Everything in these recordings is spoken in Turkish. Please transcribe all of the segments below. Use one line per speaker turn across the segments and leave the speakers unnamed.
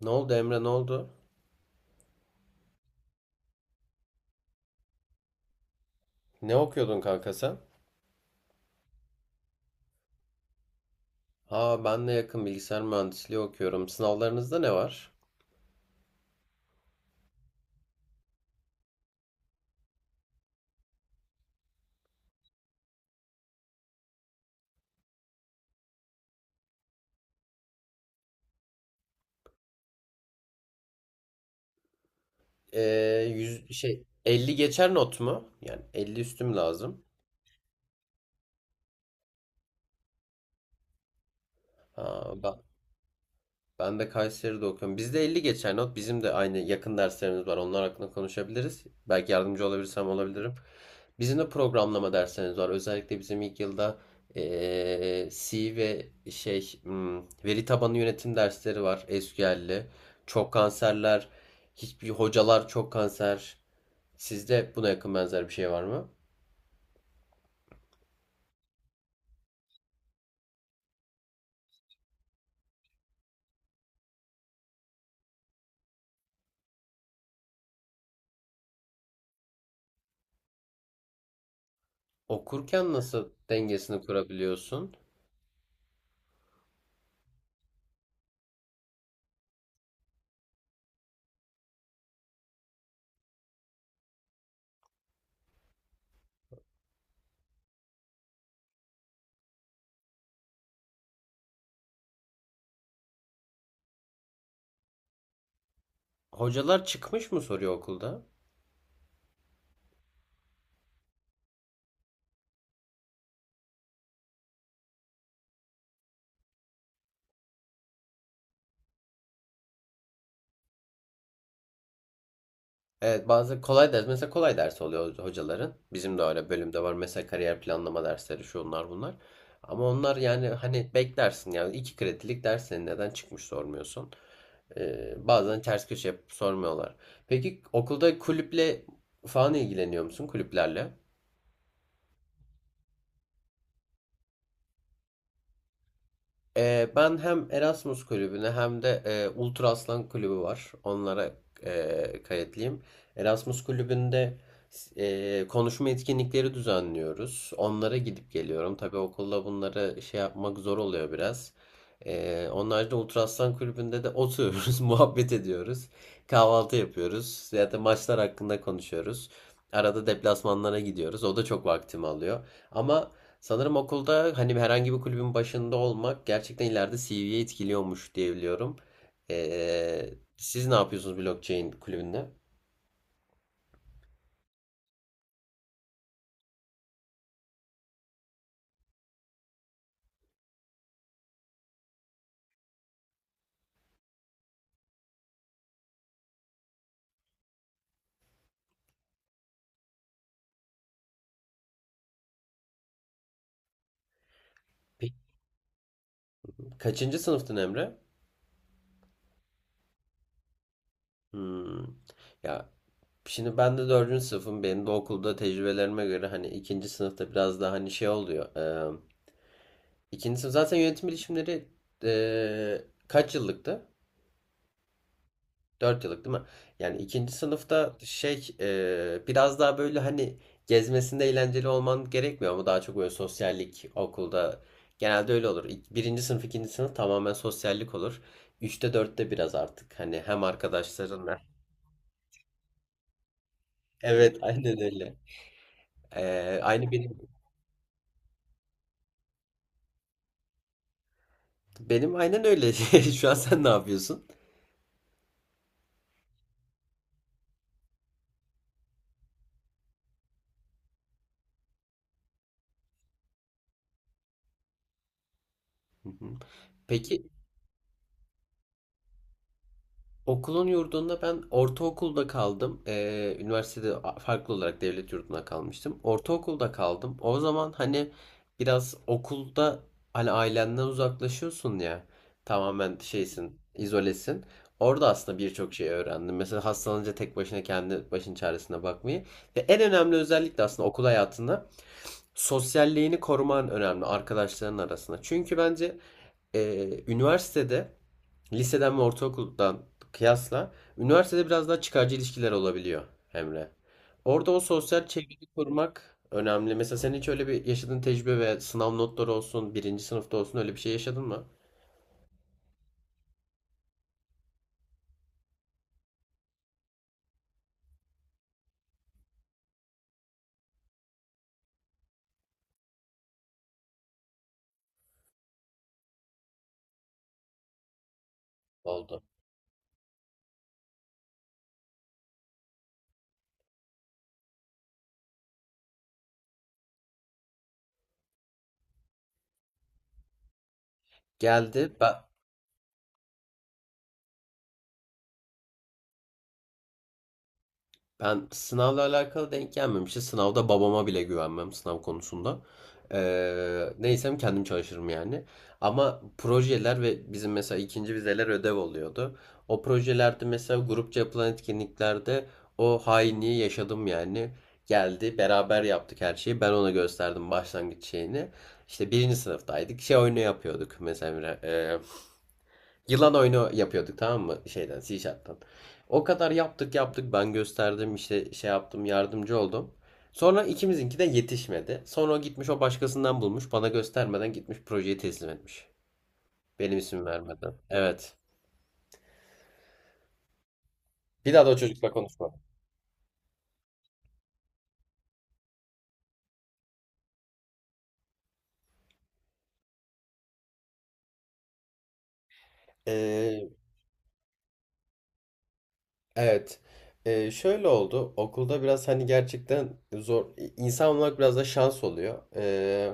Ne oldu, Emre, ne oldu? Ne okuyordun, kanka, sen? Aa, ben de yakın bilgisayar mühendisliği okuyorum. Sınavlarınızda ne var? Şey 50 geçer not mu? Yani 50 üstüm lazım. Aa, Ben de Kayseri'de okuyorum. Bizde 50 geçer not. Bizim de aynı yakın derslerimiz var. Onlar hakkında konuşabiliriz. Belki yardımcı olabilirsem olabilirim. Bizim de programlama derslerimiz var. Özellikle bizim ilk yılda C ve şey veri tabanı yönetim dersleri var. SQL'li. Çok kanserler. Hiçbir hocalar çok kanser. Sizde buna yakın benzer bir şey var mı? Okurken nasıl dengesini kurabiliyorsun? Hocalar çıkmış mı soruyor okulda? Evet, bazı kolay ders mesela kolay ders oluyor hocaların. Bizim de öyle bölümde var mesela kariyer planlama dersleri şu onlar bunlar. Ama onlar yani hani beklersin yani 2 kredilik ders senin neden çıkmış sormuyorsun. Bazen ters köşe yapıp sormuyorlar. Peki okulda kulüple falan ilgileniyor musun kulüplerle? Ben hem Erasmus kulübüne hem de Ultra Aslan kulübü var. Onlara kayıtlıyım. Erasmus kulübünde konuşma etkinlikleri düzenliyoruz. Onlara gidip geliyorum. Tabii okulda bunları şey yapmak zor oluyor biraz. Onun haricinde Ultra Aslan kulübünde de oturuyoruz, muhabbet ediyoruz. Kahvaltı yapıyoruz. Ya da maçlar hakkında konuşuyoruz. Arada deplasmanlara gidiyoruz. O da çok vaktimi alıyor. Ama sanırım okulda hani herhangi bir kulübün başında olmak gerçekten ileride CV'ye etkiliyormuş diye biliyorum. Siz ne yapıyorsunuz blockchain kulübünde? Peki, kaçıncı sınıftın Emre? Hmm. Ya şimdi ben de dördüncü sınıfım. Benim de okulda tecrübelerime göre hani ikinci sınıfta biraz daha hani şey oluyor. İkinci sınıf zaten yönetim bilişimleri kaç yıllıktı? 4 yıllık değil mi? Yani ikinci sınıfta şey biraz daha böyle hani gezmesinde eğlenceli olman gerekmiyor ama daha çok böyle sosyallik okulda genelde öyle olur. Birinci sınıf, ikinci sınıf tamamen sosyallik olur. Üçte dörtte biraz artık hani hem arkadaşlarınla. Evet, aynen öyle. Aynı benim aynen öyle. Şu an sen ne yapıyorsun? Hı hı. Peki, okulun yurdunda ben ortaokulda kaldım. Üniversitede farklı olarak devlet yurduna kalmıştım. Ortaokulda kaldım. O zaman hani biraz okulda hani ailenden uzaklaşıyorsun ya. Tamamen şeysin, izolesin. Orada aslında birçok şey öğrendim. Mesela hastalanınca tek başına kendi başın çaresine bakmayı. Ve en önemli özellik de aslında okul hayatında sosyalliğini koruman önemli arkadaşların arasında. Çünkü bence üniversitede liseden ve ortaokuldan kıyasla üniversitede biraz daha çıkarcı ilişkiler olabiliyor Emre. Orada o sosyal çevreyi korumak önemli. Mesela senin hiç öyle bir yaşadığın tecrübe ve sınav notları olsun, birinci sınıfta olsun öyle bir şey yaşadın mı? Oldu. Geldi. Ben sınavla alakalı denk gelmemişti. Sınavda babama bile güvenmem sınav konusunda. Neysem kendim çalışırım yani. Ama projeler ve bizim mesela ikinci vizeler ödev oluyordu. O projelerde mesela grupça yapılan etkinliklerde o hainliği yaşadım yani. Geldi beraber yaptık her şeyi. Ben ona gösterdim başlangıç şeyini. İşte birinci sınıftaydık. Şey oyunu yapıyorduk mesela. Yılan oyunu yapıyorduk tamam mı? Şeyden, C Sharp'tan. O kadar yaptık yaptık. Ben gösterdim işte şey yaptım yardımcı oldum. Sonra ikimizinki de yetişmedi. Sonra o gitmiş, o başkasından bulmuş. Bana göstermeden gitmiş projeyi teslim etmiş. Benim isim vermeden. Evet. Bir daha da o çocukla konuşma. Ee, evet. Şöyle oldu. Okulda biraz hani gerçekten zor. İnsan olmak biraz da şans oluyor.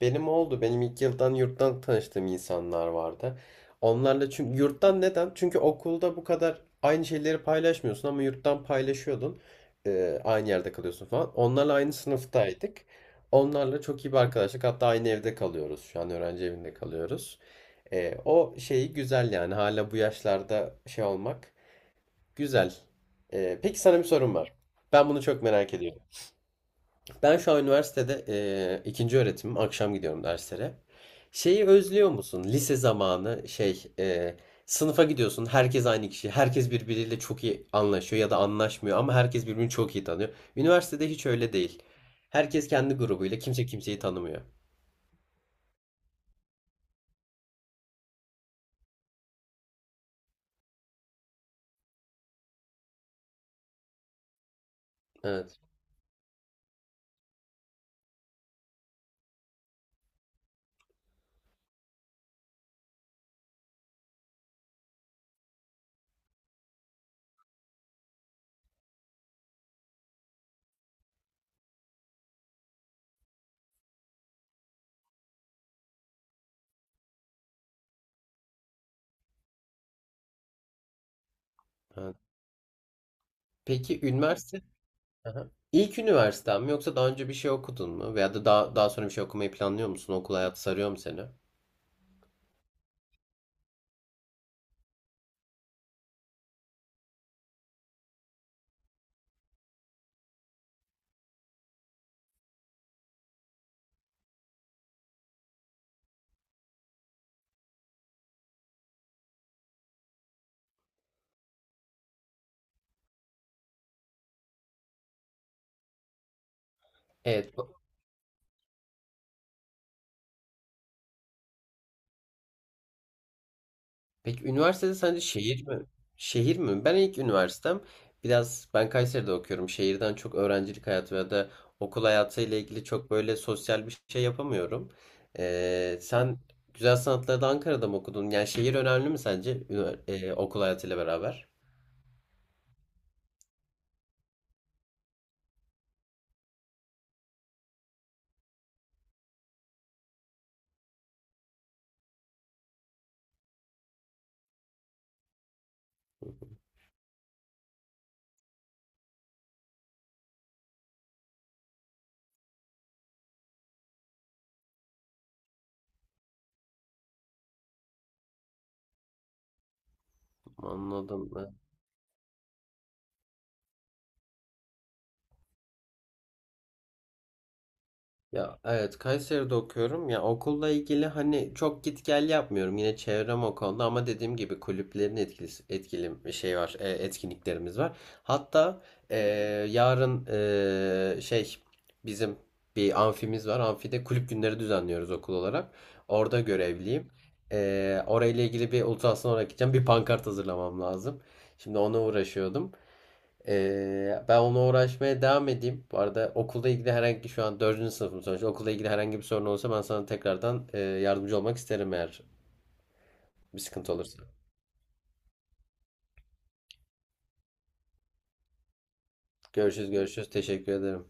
Benim oldu. Benim ilk yıldan yurttan tanıştığım insanlar vardı. Onlarla çünkü yurttan neden? Çünkü okulda bu kadar aynı şeyleri paylaşmıyorsun ama yurttan paylaşıyordun. Aynı yerde kalıyorsun falan. Onlarla aynı sınıftaydık. Onlarla çok iyi bir arkadaşlık. Hatta aynı evde kalıyoruz. Şu an öğrenci evinde kalıyoruz. O şeyi güzel yani. Hala bu yaşlarda şey olmak güzel. Peki sana bir sorum var. Ben bunu çok merak ediyorum. Ben şu an üniversitede ikinci öğretimim. Akşam gidiyorum derslere. Şeyi özlüyor musun? Lise zamanı şey sınıfa gidiyorsun. Herkes aynı kişi. Herkes birbiriyle çok iyi anlaşıyor ya da anlaşmıyor ama herkes birbirini çok iyi tanıyor. Üniversitede hiç öyle değil. Herkes kendi grubuyla. Kimse kimseyi tanımıyor. Evet. Evet. Peki üniversite? Aha. İlk üniversiten mi yoksa daha önce bir şey okudun mu? Veya da daha sonra bir şey okumayı planlıyor musun? Okul hayatı sarıyor mu seni? Evet. Peki üniversitede sence şehir mi? Şehir mi? Ben ilk üniversitem biraz ben Kayseri'de okuyorum. Şehirden çok öğrencilik hayatı ya da okul hayatı ile ilgili çok böyle sosyal bir şey yapamıyorum. Sen güzel sanatları da Ankara'da mı okudun? Yani şehir önemli mi sence okul hayatıyla beraber? Anladım. Ya, evet, Kayseri'de okuyorum. Ya okulla ilgili hani çok git gel yapmıyorum. Yine çevrem o konuda ama dediğim gibi kulüplerin etkili etkili bir şey var. Etkinliklerimiz var. Hatta e, yarın şey bizim bir amfimiz var. Amfide kulüp günleri düzenliyoruz okul olarak. Orada görevliyim. Orayla ilgili bir ultrasona gideceğim. Bir pankart hazırlamam lazım. Şimdi ona uğraşıyordum. Ben ona uğraşmaya devam edeyim. Bu arada okulda ilgili herhangi şu an dördüncü sınıfım sonuçta. Okulda ilgili herhangi bir sorun olursa ben sana tekrardan yardımcı olmak isterim eğer bir sıkıntı olursa. Görüşürüz, görüşürüz. Teşekkür ederim.